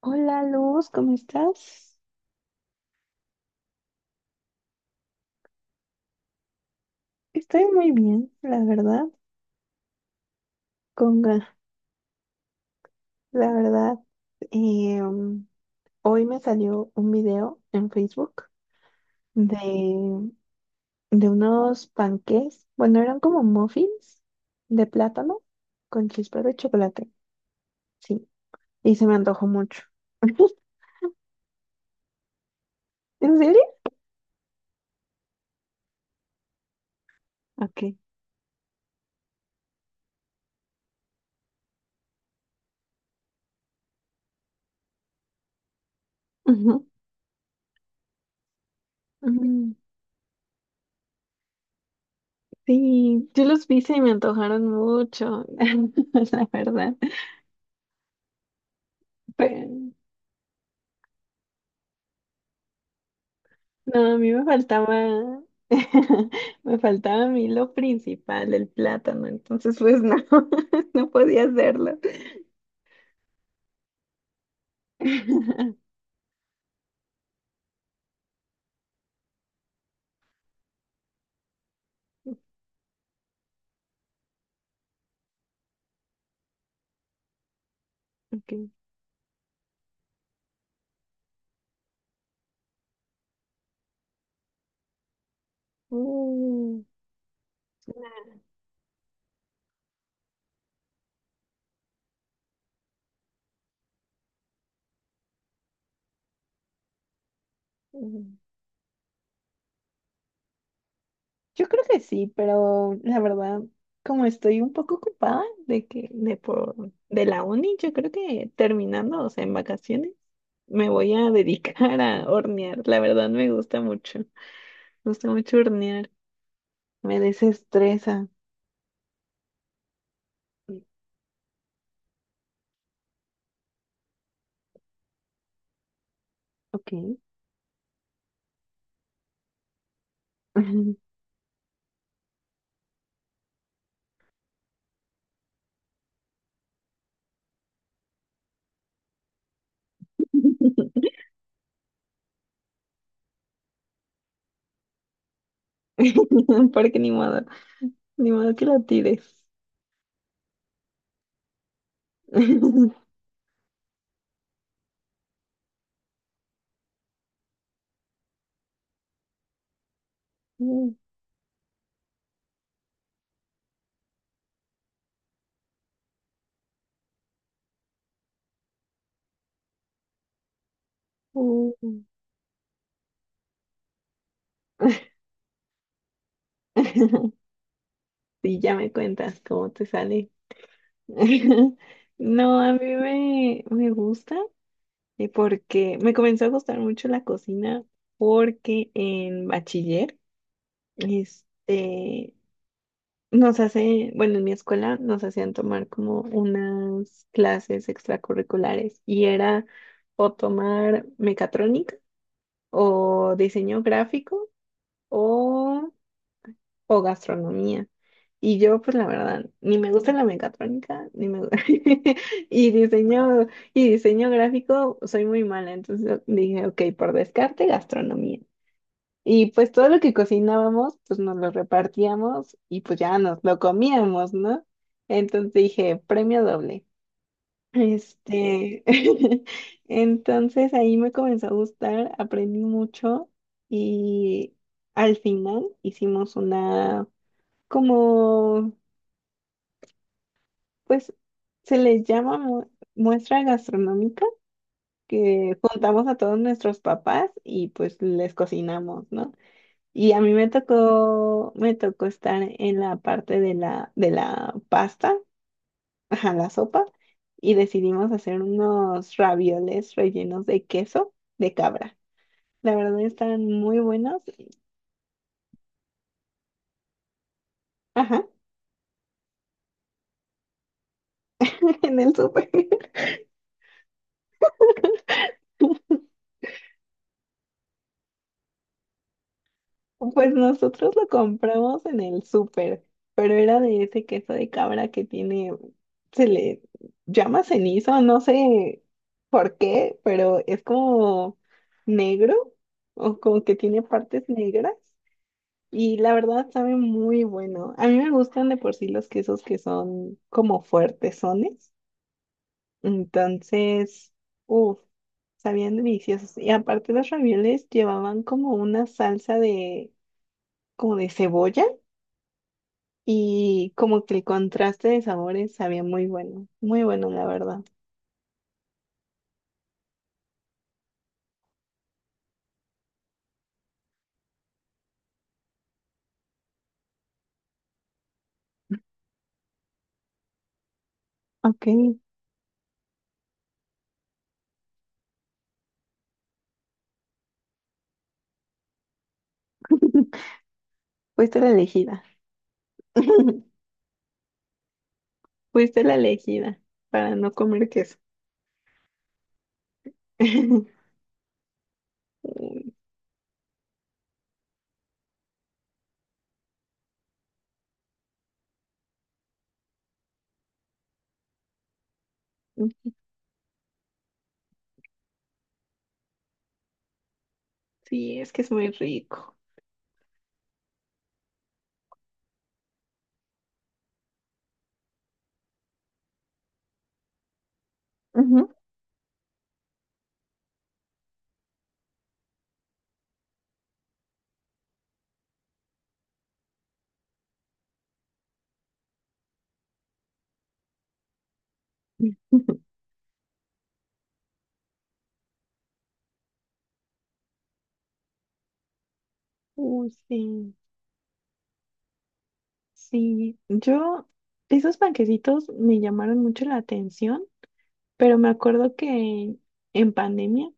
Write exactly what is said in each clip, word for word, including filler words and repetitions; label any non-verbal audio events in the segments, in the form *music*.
Hola Luz, ¿cómo estás? Estoy muy bien, la verdad. Conga, la verdad. eh, um, hoy me salió un video en Facebook de, de unos panqués. Bueno, eran como muffins de plátano con chispas de chocolate. Sí, y se me antojó mucho. *laughs* ¿En serio? Ok. Ujú. Mm. Sí, yo los vi y se me antojaron mucho, *laughs* la verdad. No, a mí me faltaba, *laughs* me faltaba a mí lo principal, el plátano, entonces pues no, *laughs* no podía hacerlo. *laughs* Ok. Mm, mm. Yo creo que sí, pero la verdad, como estoy un poco ocupada de que de por de la uni, yo creo que terminando, o sea, en vacaciones, me voy a dedicar a hornear. La verdad me gusta mucho, me gusta mucho hornear, me desestresa. Ok. *laughs* *laughs* Porque ni modo, ni modo que la tires. *laughs* Sí, ya me cuentas cómo te sale. *laughs* No, a mí me, me gusta eh, porque me comenzó a gustar mucho la cocina porque en bachiller, este, nos hace, bueno, en mi escuela nos hacían tomar como unas clases extracurriculares y era o tomar mecatrónica o diseño gráfico o, o gastronomía. Y yo, pues la verdad, ni me gusta la mecatrónica, ni me gusta. *laughs* Y diseño, y diseño gráfico, soy muy mala. Entonces dije, ok, por descarte, gastronomía. Y pues todo lo que cocinábamos, pues nos lo repartíamos y pues ya nos lo comíamos, ¿no? Entonces dije, premio doble. Este, *laughs* entonces ahí me comenzó a gustar, aprendí mucho y al final hicimos una, como, pues se les llama mu- muestra gastronómica, que juntamos a todos nuestros papás y pues les cocinamos, ¿no? Y a mí me tocó, me tocó estar en la parte de la, de la pasta ajá, la sopa y decidimos hacer unos ravioles rellenos de queso de cabra. La verdad están muy buenos. Ajá, *laughs* en el súper. *laughs* Pues nosotros lo compramos en el súper, pero era de ese queso de cabra que tiene, se le llama cenizo, no sé por qué, pero es como negro o como que tiene partes negras. Y la verdad sabe muy bueno. A mí me gustan de por sí los quesos que son como fuertesones. Entonces, uff, sabían deliciosos. Y aparte los ravioles llevaban como una salsa de, como de cebolla y como que el contraste de sabores sabía muy bueno. Muy bueno, la verdad. Ok, *laughs* fuiste la elegida. *laughs* Fuiste la elegida para no comer queso. *laughs* Mm. Sí, es que es muy rico. Ujú. Uy, sí, sí. Yo, esos panquecitos me llamaron mucho la atención, pero me acuerdo que en pandemia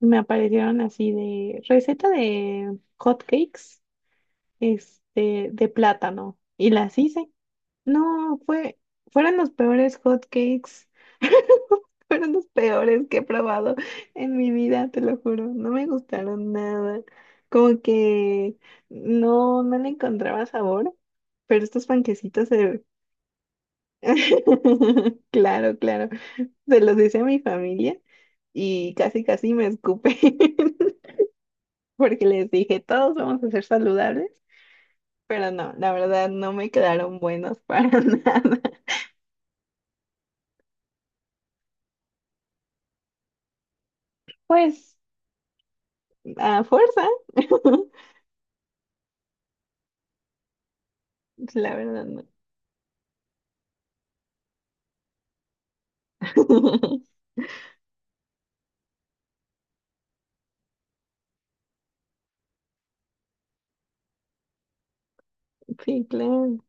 me aparecieron así de receta de hot cakes, este, de plátano, y las hice. No, fue, fueron los peores hot cakes. *laughs* Fueron los peores que he probado en mi vida, te lo juro. No me gustaron nada. Como que no, no le encontraba sabor, pero estos panquecitos se... *laughs* Claro, claro. Se los hice a mi familia y casi, casi me escupé *laughs* porque les dije, todos vamos a ser saludables, pero no, la verdad no me quedaron buenos para *laughs* nada. Pues a fuerza, *laughs* la verdad no. *laughs* Sí, claro.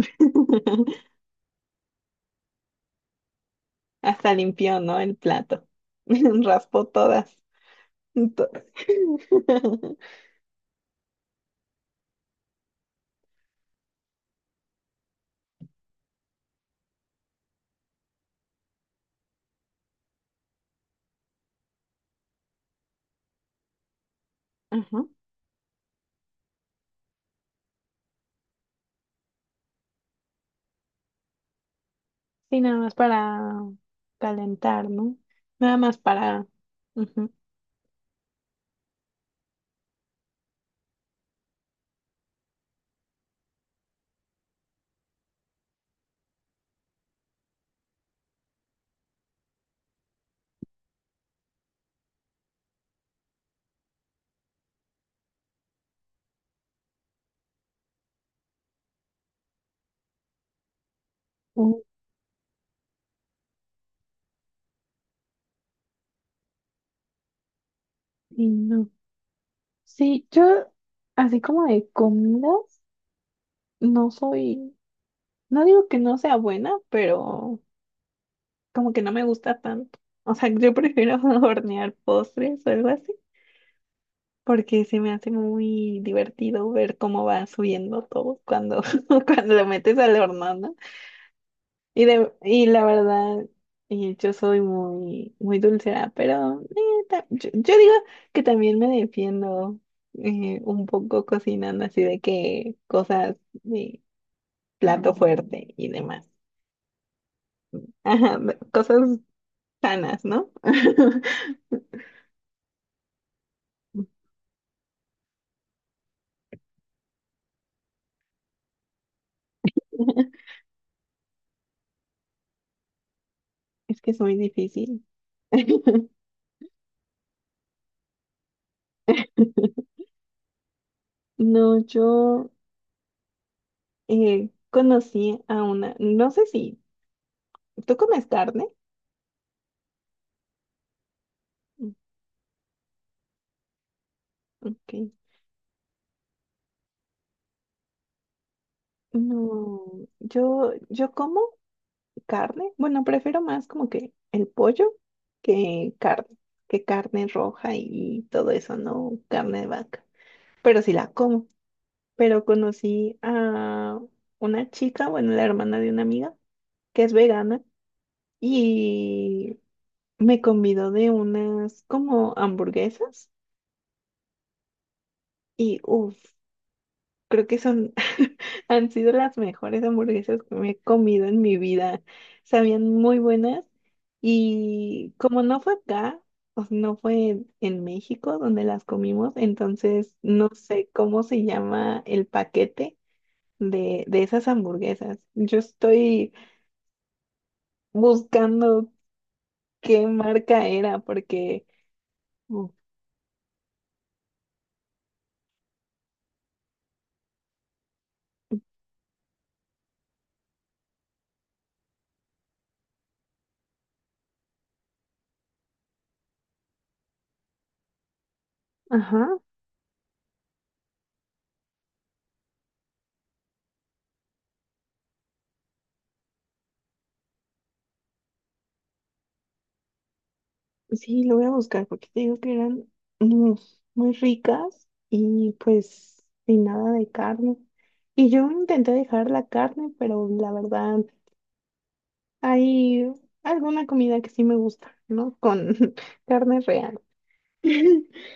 *laughs* Hasta limpió, ¿no? El plato. *laughs* Raspó todas. To- *laughs* Ajá. Sí, nada más para calentar, ¿no? Nada más para... Ujú. Uy, no. Sí, yo así como de comidas, no soy... No digo que no sea buena, pero como que no me gusta tanto. O sea, yo prefiero *laughs* hornear postres o algo así. Porque se me hace muy divertido ver cómo va subiendo todo cuando, *laughs* cuando lo metes al horno, ¿no? Y, de, y la verdad, y yo soy muy, muy dulcera, pero eh, ta- yo, yo digo que también me defiendo eh, un poco cocinando así de que cosas de plato fuerte y demás. *laughs* Ajá, de- cosas sanas, ¿no? *laughs* Es que es muy difícil. *laughs* No, yo... eh, conocí a una, no sé si, ¿tú comes carne? Mm. Ok. No, yo, yo como carne. Bueno, prefiero más como que el pollo que carne, que carne roja y todo eso, no carne de vaca. Pero sí la como. Pero conocí a una chica, bueno, la hermana de una amiga, que es vegana, y me convidó de unas como hamburguesas. Y uff, creo que son, *laughs* han sido las mejores hamburguesas que me he comido en mi vida. Sabían muy buenas y como no fue acá, o sea, no fue en México donde las comimos, entonces no sé cómo se llama el paquete de, de esas hamburguesas. Yo estoy buscando qué marca era porque... Ajá. Sí, lo voy a buscar porque te digo que eran mm, muy ricas y pues sin nada de carne. Y yo intenté dejar la carne, pero la verdad hay alguna comida que sí me gusta, ¿no? Con *laughs* carne real. *laughs*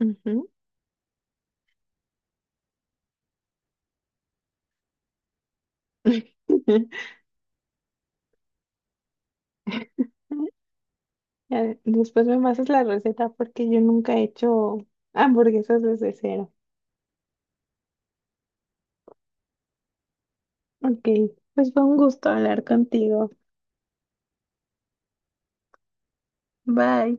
Ujú. *laughs* Ya, después me pasas la receta porque yo nunca he hecho hamburguesas desde cero. Ok, pues fue un gusto hablar contigo. Bye.